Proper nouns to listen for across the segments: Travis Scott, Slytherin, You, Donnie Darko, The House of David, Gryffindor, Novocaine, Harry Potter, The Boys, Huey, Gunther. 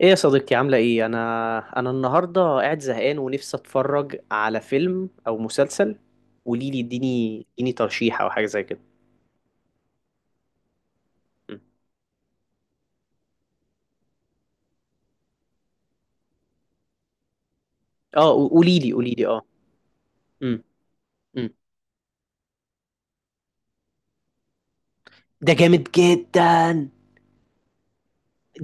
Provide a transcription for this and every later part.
ايه يا صديقتي، عاملة ايه؟ انا النهاردة قاعد زهقان ونفسي اتفرج على فيلم او مسلسل. قوليلي، اديني اديني ترشيح او حاجة زي كده. مم. اه، قوليلي قوليلي، اه. مم. مم. ده جامد جدا.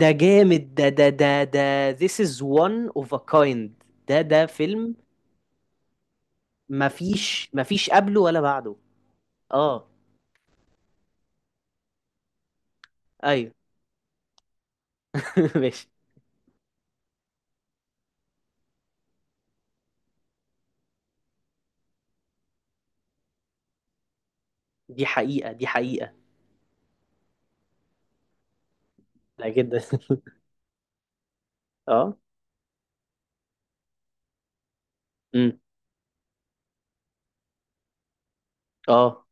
ده جامد، ده this is one of a kind. ده فيلم، مفيش قبله ولا بعده. اه، ايوه. ماشي. دي حقيقة، دي حقيقة. لا، جدا. اه. مم. اه.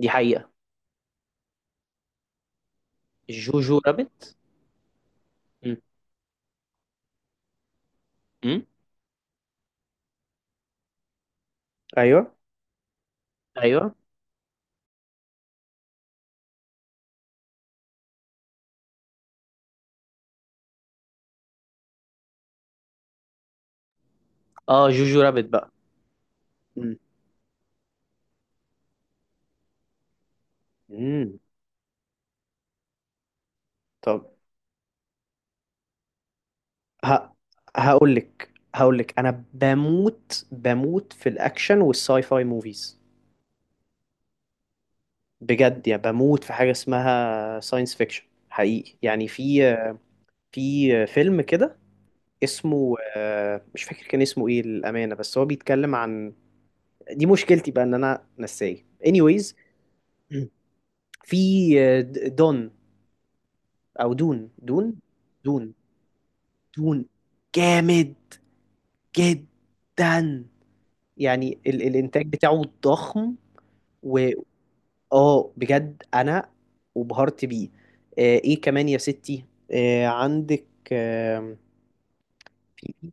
دي حقيقة. جوجو رابت. امم ايوه، ايوه. اه، جوجو رابت بقى. مم. مم. طب، ه... هقول لك انا بموت في الاكشن والساي فاي موفيز. بجد يا، بموت في حاجه اسمها ساينس فيكشن حقيقي، يعني في في فيلم كده اسمه، مش فاكر كان اسمه ايه للامانه، بس هو بيتكلم عن... دي مشكلتي بقى ان انا نساي. Anyways. مم. في دون، او دون، دون، دون، دون جامد جدا. يعني الانتاج بتاعه ضخم. و... اه بجد انا وبهرت بيه. ايه كمان يا ستي؟ عندك، آه في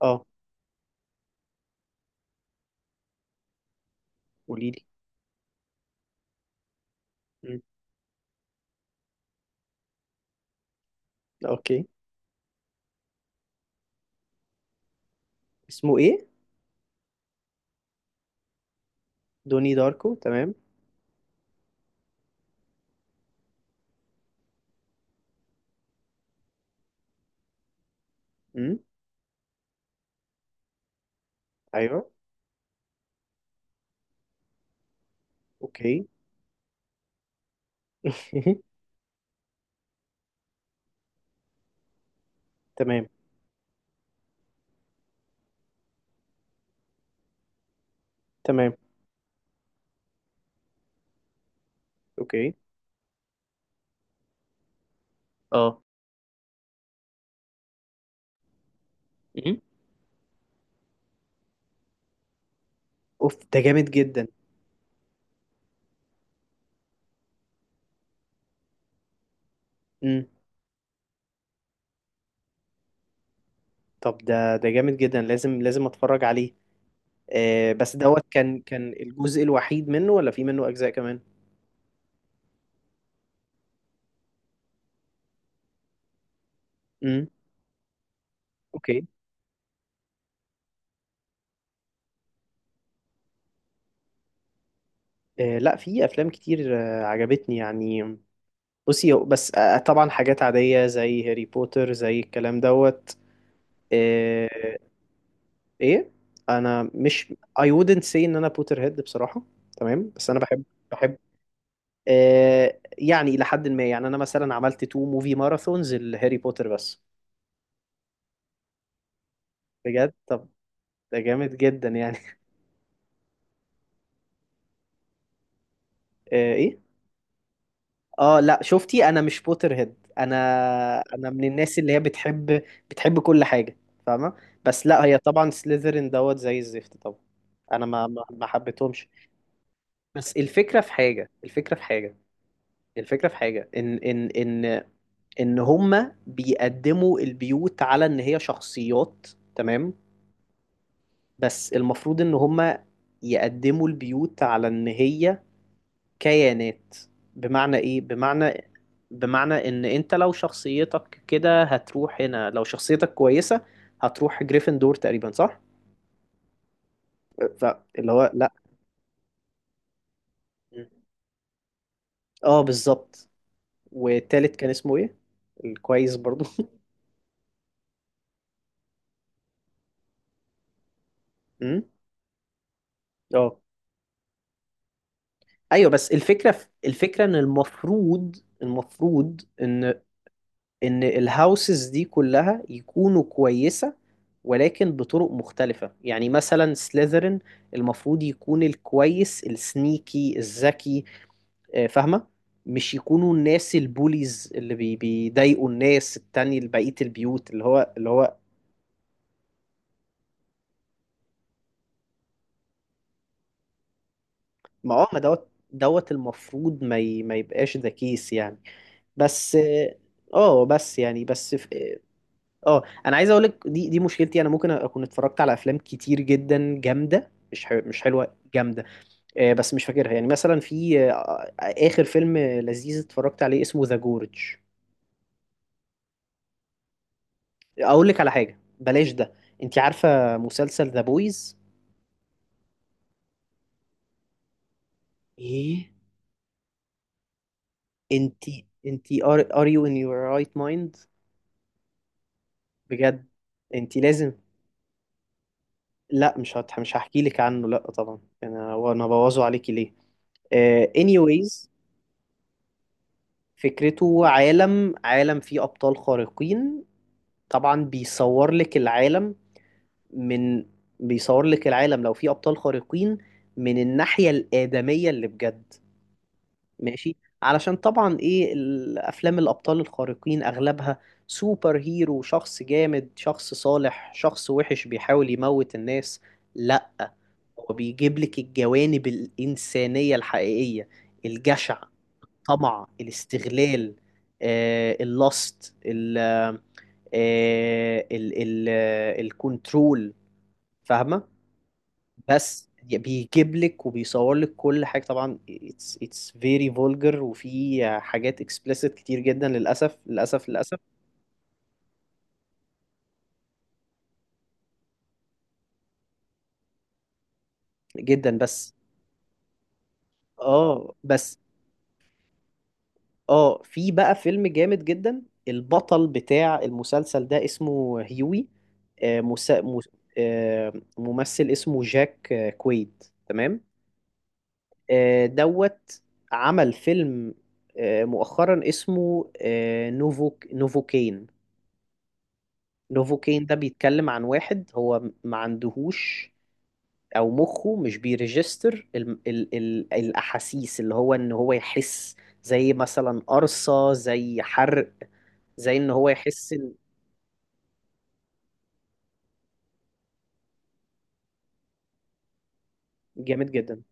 اه... قولي لي. مم. اوكي. اسمه ايه؟ دوني داركو، تمام. امم. ايوه. اوكي. تمام، تمام. اوكي، اه. مم. اوف، ده جامد جدا. امم. طب، ده جامد جدا، لازم لازم اتفرج عليه. بس دوت، كان الجزء الوحيد منه ولا في منه أجزاء كمان؟ امم. اوكي. لا، في أفلام كتير عجبتني، يعني بصي، بس طبعا حاجات عادية زي هاري بوتر، زي الكلام دوت. آه، ايه؟ انا مش... I wouldn't say ان انا بوتر هيد بصراحة. تمام، بس انا بحب، بحب يعني الى حد ما. يعني انا مثلا عملت تو موفي ماراثونز لهاري بوتر بس. بجد؟ طب، ده جامد جدا يعني. ايه؟ اه لا، شفتي، انا مش بوتر هيد. انا انا من الناس اللي هي بتحب كل حاجه، فاهمه. بس لا، هي طبعا سليذرين دوت زي الزفت طبعا. انا ما حبيتهمش. بس الفكره في حاجه، الفكره في حاجه، الفكره في حاجه، ان ان هما بيقدموا البيوت على ان هي شخصيات، تمام؟ بس المفروض ان هما يقدموا البيوت على ان هي كيانات. بمعنى ايه؟ بمعنى، بمعنى ان انت لو شخصيتك كده هتروح هنا، لو شخصيتك كويسة هتروح جريفندور تقريبا، صح؟ فاللي هو لا. م. اه، بالظبط. والتالت كان اسمه ايه؟ الكويس برضو. امم. اه، ايوه. بس الفكرة في الفكرة، ان المفروض ان ان الهاوسز دي كلها يكونوا كويسة، ولكن بطرق مختلفة. يعني مثلا سليذرين، المفروض يكون الكويس السنيكي الذكي، فاهمة؟ مش يكونوا الناس البوليز اللي بيضايقوا الناس التانية، بقية البيوت، اللي هو ما اه، ما دوت. دوت المفروض ما يبقاش ذا كيس، يعني. بس اه. بس يعني بس. اه، انا عايز اقول لك، دي مشكلتي. انا ممكن اكون اتفرجت على افلام كتير جدا جامده، مش حلوه، جامده بس مش فاكرها. يعني مثلا في اخر فيلم لذيذ اتفرجت عليه اسمه ذا جورج. اقول لك على حاجه، بلاش ده. انت عارفه مسلسل ذا بويز؟ ايه، انت انت ار يو ان يور رايت مايند؟ بجد؟ انت لازم... لا، مش هحكي لك عنه، لا طبعا، انا وانا بوظه عليكي ليه؟ Anyways. فكرته عالم، عالم فيه أبطال خارقين. طبعا بيصور لك العالم من... بيصور لك العالم لو فيه أبطال خارقين، من الناحية الآدمية اللي بجد، ماشي؟ علشان طبعا إيه، الأفلام الأبطال الخارقين أغلبها سوبر هيرو، شخص جامد، شخص صالح، شخص وحش بيحاول يموت الناس. لأ، هو بيجيب لك الجوانب الإنسانية الحقيقية: الجشع، الطمع، الاستغلال، اللاست ال آه، ال ال آه، الكنترول، فاهمة؟ بس بيجيب لك وبيصور لك كل حاجة. طبعا it's very vulgar، وفي حاجات explicit كتير جدا، للأسف، للأسف، للأسف. جدا، بس اه، بس اه في بقى فيلم جامد جدا. البطل بتاع المسلسل ده اسمه هيوي، آه، مسا... مس... آه، ممثل اسمه جاك كويد، تمام؟ دوت عمل فيلم مؤخرا اسمه نوفوكين. نوفوكين ده بيتكلم عن واحد هو ما عندهوش، او مخه مش بيرجستر ال الاحاسيس، اللي هو ان هو يحس، زي مثلا قرصة، زي حرق، زي ان هو يحس جامد جدا.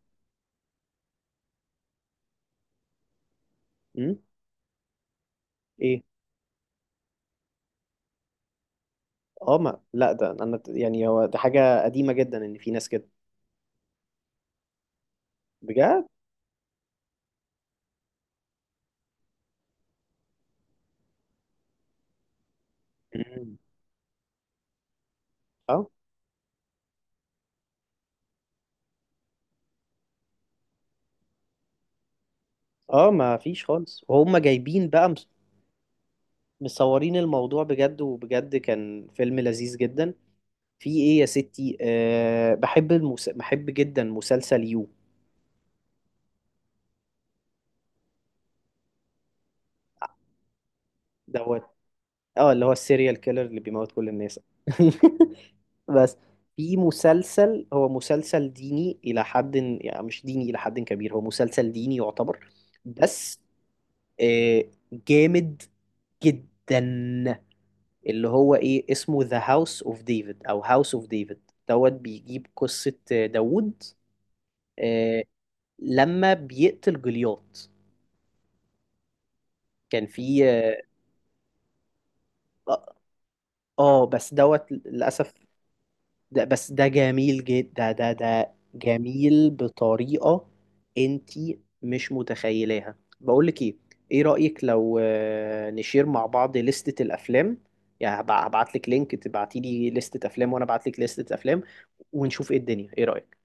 امم. ايه؟ اه، ما لا، ده انا يعني هو ده حاجة قديمة جدا ان في ناس كده. بجد. مم. اه اه ما فيش خالص، وهم جايبين بقى مصورين الموضوع بجد، وبجد كان فيلم لذيذ جدا. في ايه يا ستي؟ أه، بحب جدا مسلسل يو دوت. اه، اللي هو السيريال كيلر اللي بيموت كل الناس. بس في مسلسل، هو مسلسل ديني إلى حد، يعني مش ديني إلى حد كبير، هو مسلسل ديني يعتبر، بس آه، جامد جدا. اللي هو ايه، اسمه ذا هاوس اوف ديفيد او هاوس اوف ديفيد دوت. بيجيب قصة داوود آه، لما بيقتل جولياث. كان في اه بس دوت للأسف ده. بس ده جميل جدا، ده جميل بطريقة انتي مش متخيلاها. بقولك ايه، ايه رأيك لو نشير مع بعض لستة الافلام؟ يعني هبعتلك لينك، تبعتيلي لستة افلام وانا ابعتلك لستة افلام، ونشوف ايه الدنيا، ايه رأيك؟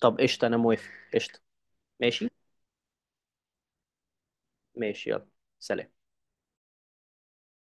طب قشطة، أنا موافق، قشطة. ماشي. ماشي، يلا. سلام.